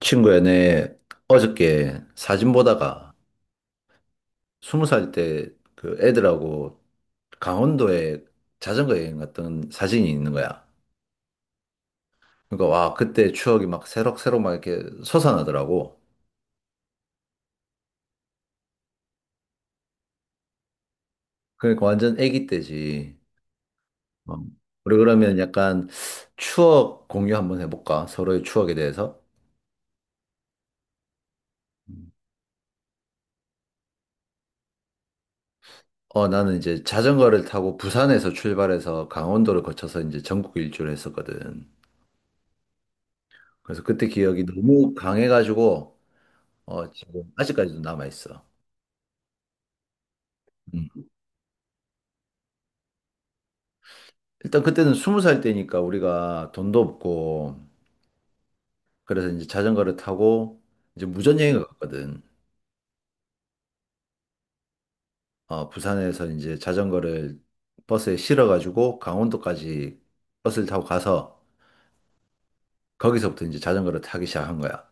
친구야, 내 어저께 사진 보다가 20살 때 그 애들하고 강원도에 자전거 여행 갔던 사진이 있는 거야. 그러니까 와, 그때 추억이 막 새록새록 막 이렇게 솟아나더라고. 그러니까 완전 애기 때지. 어. 우리 그러면 약간 추억 공유 한번 해볼까? 서로의 추억에 대해서. 음. 어, 나는 이제 자전거를 타고 부산에서 출발해서 강원도를 거쳐서 이제 전국 일주를 했었거든. 그래서 그때 기억이 너무 강해가지고 어, 지금 아직까지도 남아 있어. 음. 일단 그때는 20살 때니까 우리가 돈도 없고 그래서 이제 자전거를 타고 이제 무전여행을 갔거든. 어, 부산에서 이제 자전거를 버스에 실어가지고 강원도까지 버스를 타고 가서 거기서부터 이제 자전거를 타기 시작한 거야.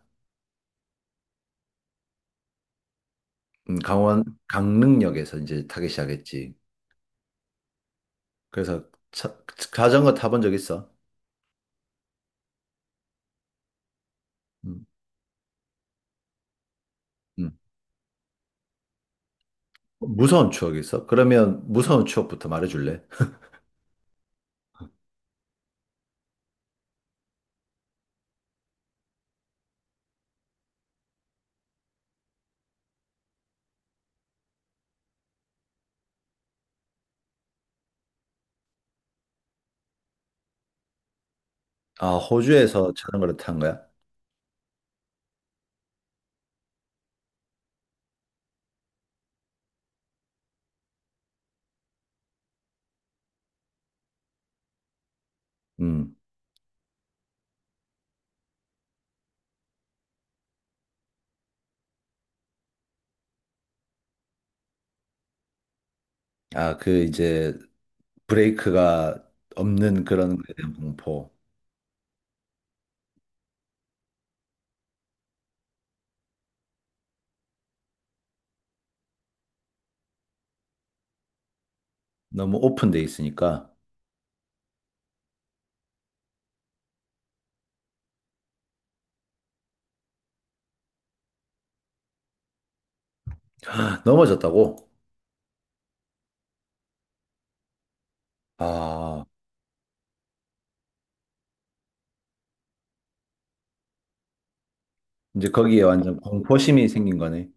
강원 강릉역에서 이제 타기 시작했지. 그래서 차- 자전거 타본 적 있어? 음, 음. 무서운 추억 있어? 그러면 무서운 추억부터 말해줄래? 아, 호주에서 자전거를 탄 거야? 음. 아, 그 이제 브레이크가 없는 그런 거에 대한 공포. 너무 오픈돼 있으니까. 넘어졌다고? 아, 이제 거기에 완전 공포심이 생긴 거네.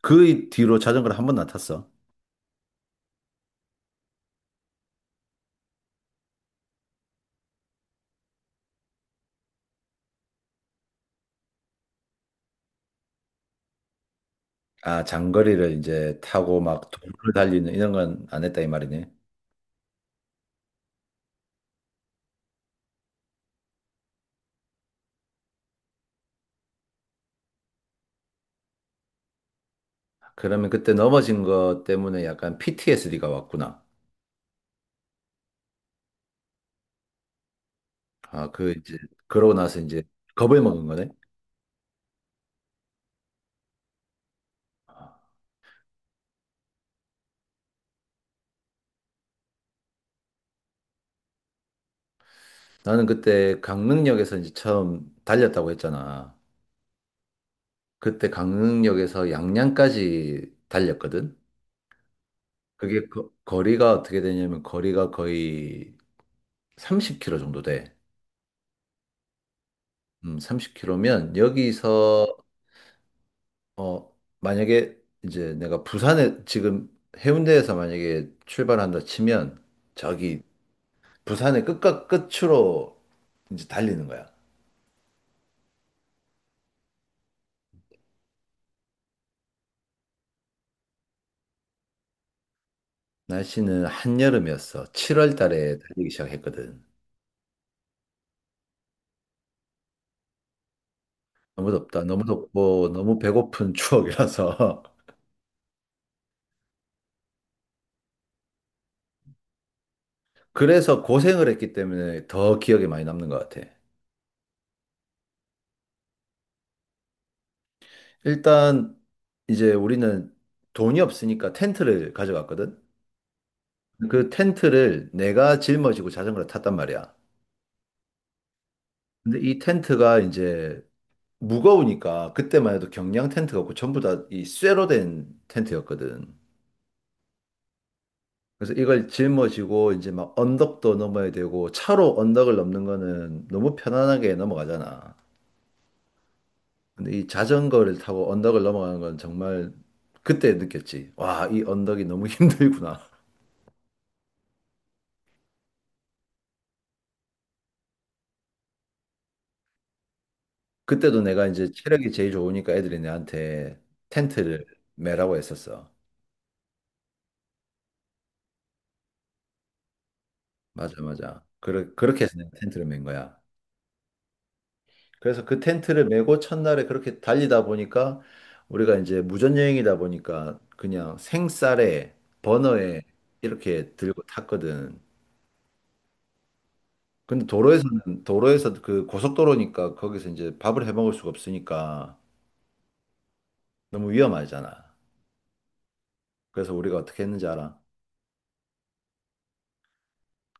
그 뒤로 자전거를 한 번 안 탔어. 아, 장거리를 이제 타고 막 도로를 달리는 이런 건 안 했다 이 말이네. 그러면 그때 넘어진 것 때문에 약간 PTSD가 왔구나. 아, 그 이제 그러고 나서 이제 겁을 먹은 거네. 아, 나는 그때 강릉역에서 이제 처음 달렸다고 했잖아. 그때 강릉역에서 양양까지 달렸거든? 그게 거리가 어떻게 되냐면 거리가 거의 30km 정도 돼. 30km면 여기서 어 만약에 이제 내가 부산에 지금 해운대에서 만약에 출발한다 치면 저기 부산의 끝과 끝으로 이제 달리는 거야. 날씨는 한여름이었어. 7월 달에 달리기 시작했거든. 너무 덥다. 너무 덥고 너무 배고픈 추억이라서 그래서 고생을 했기 때문에 더 기억에 많이 남는 것 같아. 일단 이제 우리는 돈이 없으니까 텐트를 가져갔거든. 그 텐트를 내가 짊어지고 자전거를 탔단 말이야. 근데 이 텐트가 이제 무거우니까 그때만 해도 경량 텐트가 없고 전부 다 이 쇠로 된 텐트였거든. 그래서 이걸 짊어지고 이제 막 언덕도 넘어야 되고 차로 언덕을 넘는 거는 너무 편안하게 넘어가잖아. 근데 이 자전거를 타고 언덕을 넘어가는 건 정말 그때 느꼈지. 와, 이 언덕이 너무 힘들구나. 그때도 내가 이제 체력이 제일 좋으니까 애들이 내한테 텐트를 매라고 했었어. 맞아, 맞아. 그렇게 해서 내가 텐트를 맨 거야. 그래서 그 텐트를 메고 첫날에 그렇게 달리다 보니까 우리가 이제 무전여행이다 보니까 그냥 생쌀에 버너에 이렇게 들고 탔거든. 근데 도로에서는 도로에서 그 고속도로니까 거기서 이제 밥을 해 먹을 수가 없으니까 너무 위험하잖아. 그래서 우리가 어떻게 했는지 알아?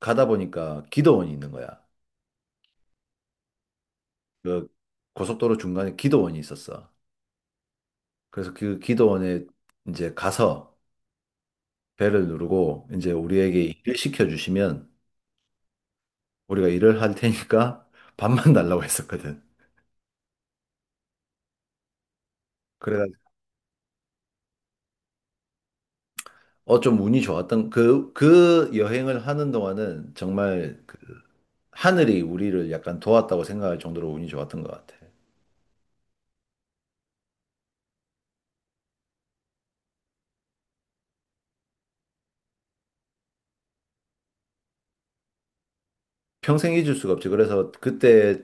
가다 보니까 기도원이 있는 거야. 그 고속도로 중간에 기도원이 있었어. 그래서 그 기도원에 이제 가서 벨을 누르고 이제 우리에게 일을 시켜주시면 우리가 일을 할 테니까 밥만 달라고 했었거든. 그래가 좀 운이 좋았던 그 여행을 하는 동안은 정말 그 하늘이 우리를 약간 도왔다고 생각할 정도로 운이 좋았던 것 같아. 평생 잊을 수가 없지. 그래서 그때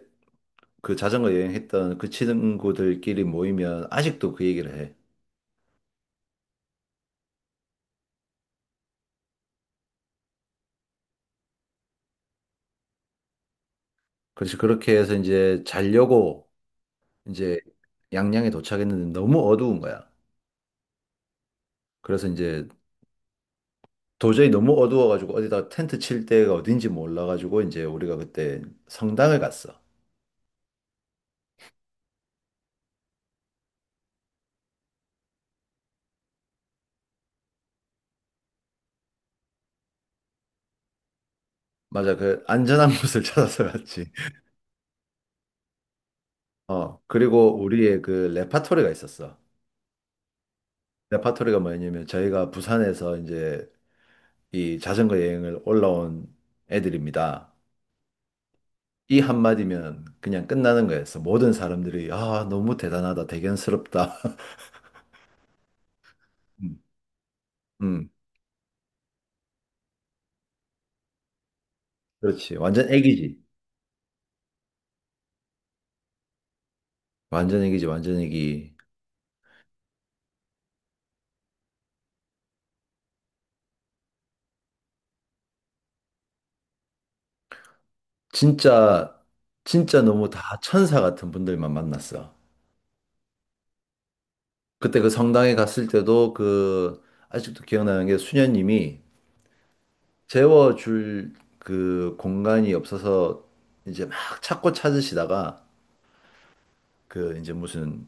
그 자전거 여행했던 그 친구들끼리 모이면 아직도 그 얘기를 해. 그래서 그렇게 해서 이제 자려고 이제 양양에 도착했는데 너무 어두운 거야. 그래서 이제 도저히 너무 어두워가지고 어디다 텐트 칠 데가 어딘지 몰라가지고 이제 우리가 그때 성당을 갔어. 맞아, 그 안전한 곳을 찾아서 갔지. 어, 그리고 우리의 그 레파토리가 있었어. 레파토리가 뭐냐면 저희가 부산에서 이제 이 자전거 여행을 올라온 애들입니다. 이 한마디면 그냥 끝나는 거였어. 모든 사람들이 아, 너무 대단하다. 대견스럽다. 음, 음, 그렇지. 완전 애기지. 완전 애기지. 완전 애기. 진짜 진짜 너무 다 천사 같은 분들만 만났어. 그때 그 성당에 갔을 때도 그 아직도 기억나는 게 수녀님이 재워줄 그 공간이 없어서 이제 막 찾고 찾으시다가 그 이제 무슨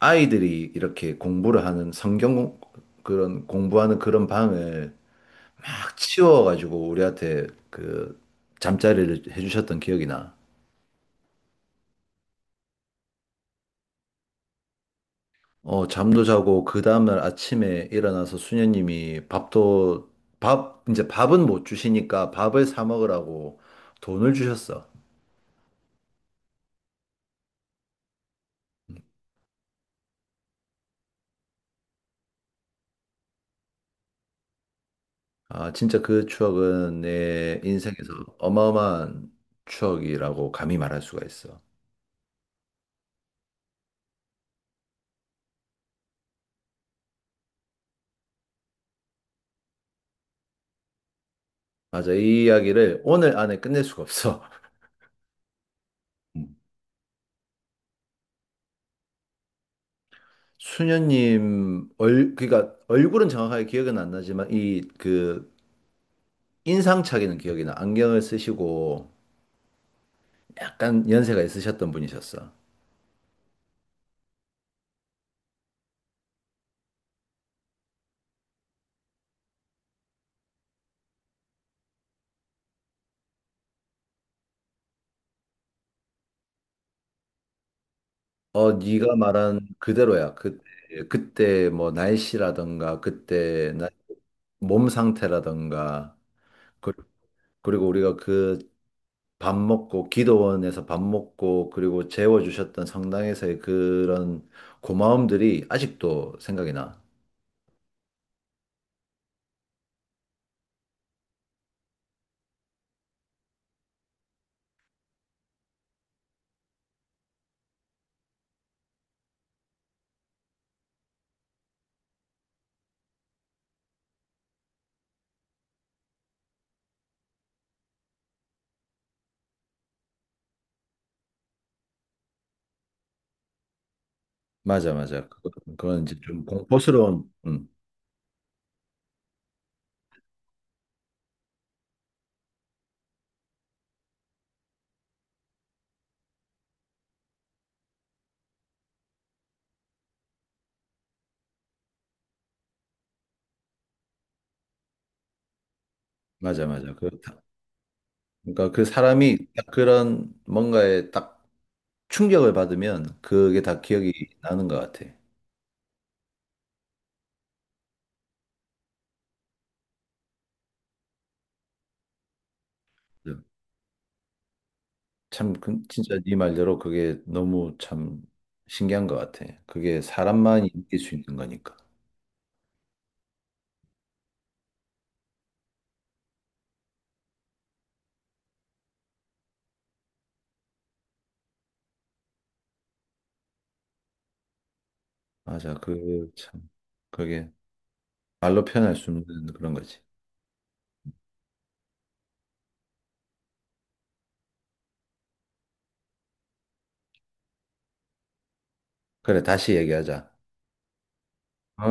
아이들이 이렇게 공부를 하는 그런 공부하는 그런 방을 막 치워가지고 우리한테 그 잠자리를 해주셨던 기억이 나. 어, 잠도 자고 그 다음날 아침에 일어나서 수녀님이 밥도 밥 이제 밥은 못 주시니까 밥을 사 먹으라고 돈을 주셨어. 아, 진짜 그 추억은 내 인생에서 어마어마한 추억이라고 감히 말할 수가 있어. 맞아. 이 이야기를 오늘 안에 끝낼 수가 없어. 수녀님 얼 그러니까 얼굴은 정확하게 기억은 안 나지만 이 그 인상착의는 기억이 나. 안경을 쓰시고 약간 연세가 있으셨던 분이셨어. 어, 네가 말한 그대로야. 그때 뭐 날씨라던가 그때 몸 상태라던가 그- 그리고 우리가 그 밥 먹고 기도원에서 밥 먹고 그리고 재워주셨던 성당에서의 그런 고마움들이 아직도 생각이 나. 맞아, 맞아. 그건 이제 좀 공포스러운, 맞아, 맞아. 그렇다. 그러니까 그 사람이 딱 그런 뭔가에 딱 충격을 받으면 그게 다 기억이 나는 것 같아. 음. 참, 진짜 네 말대로 그게 너무 참 신기한 것 같아. 그게 사람만이 느낄 수 있는 거니까. 맞아, 그 참, 그게 말로 표현할 수 없는 그런 거지. 그래, 다시 얘기하자. 어?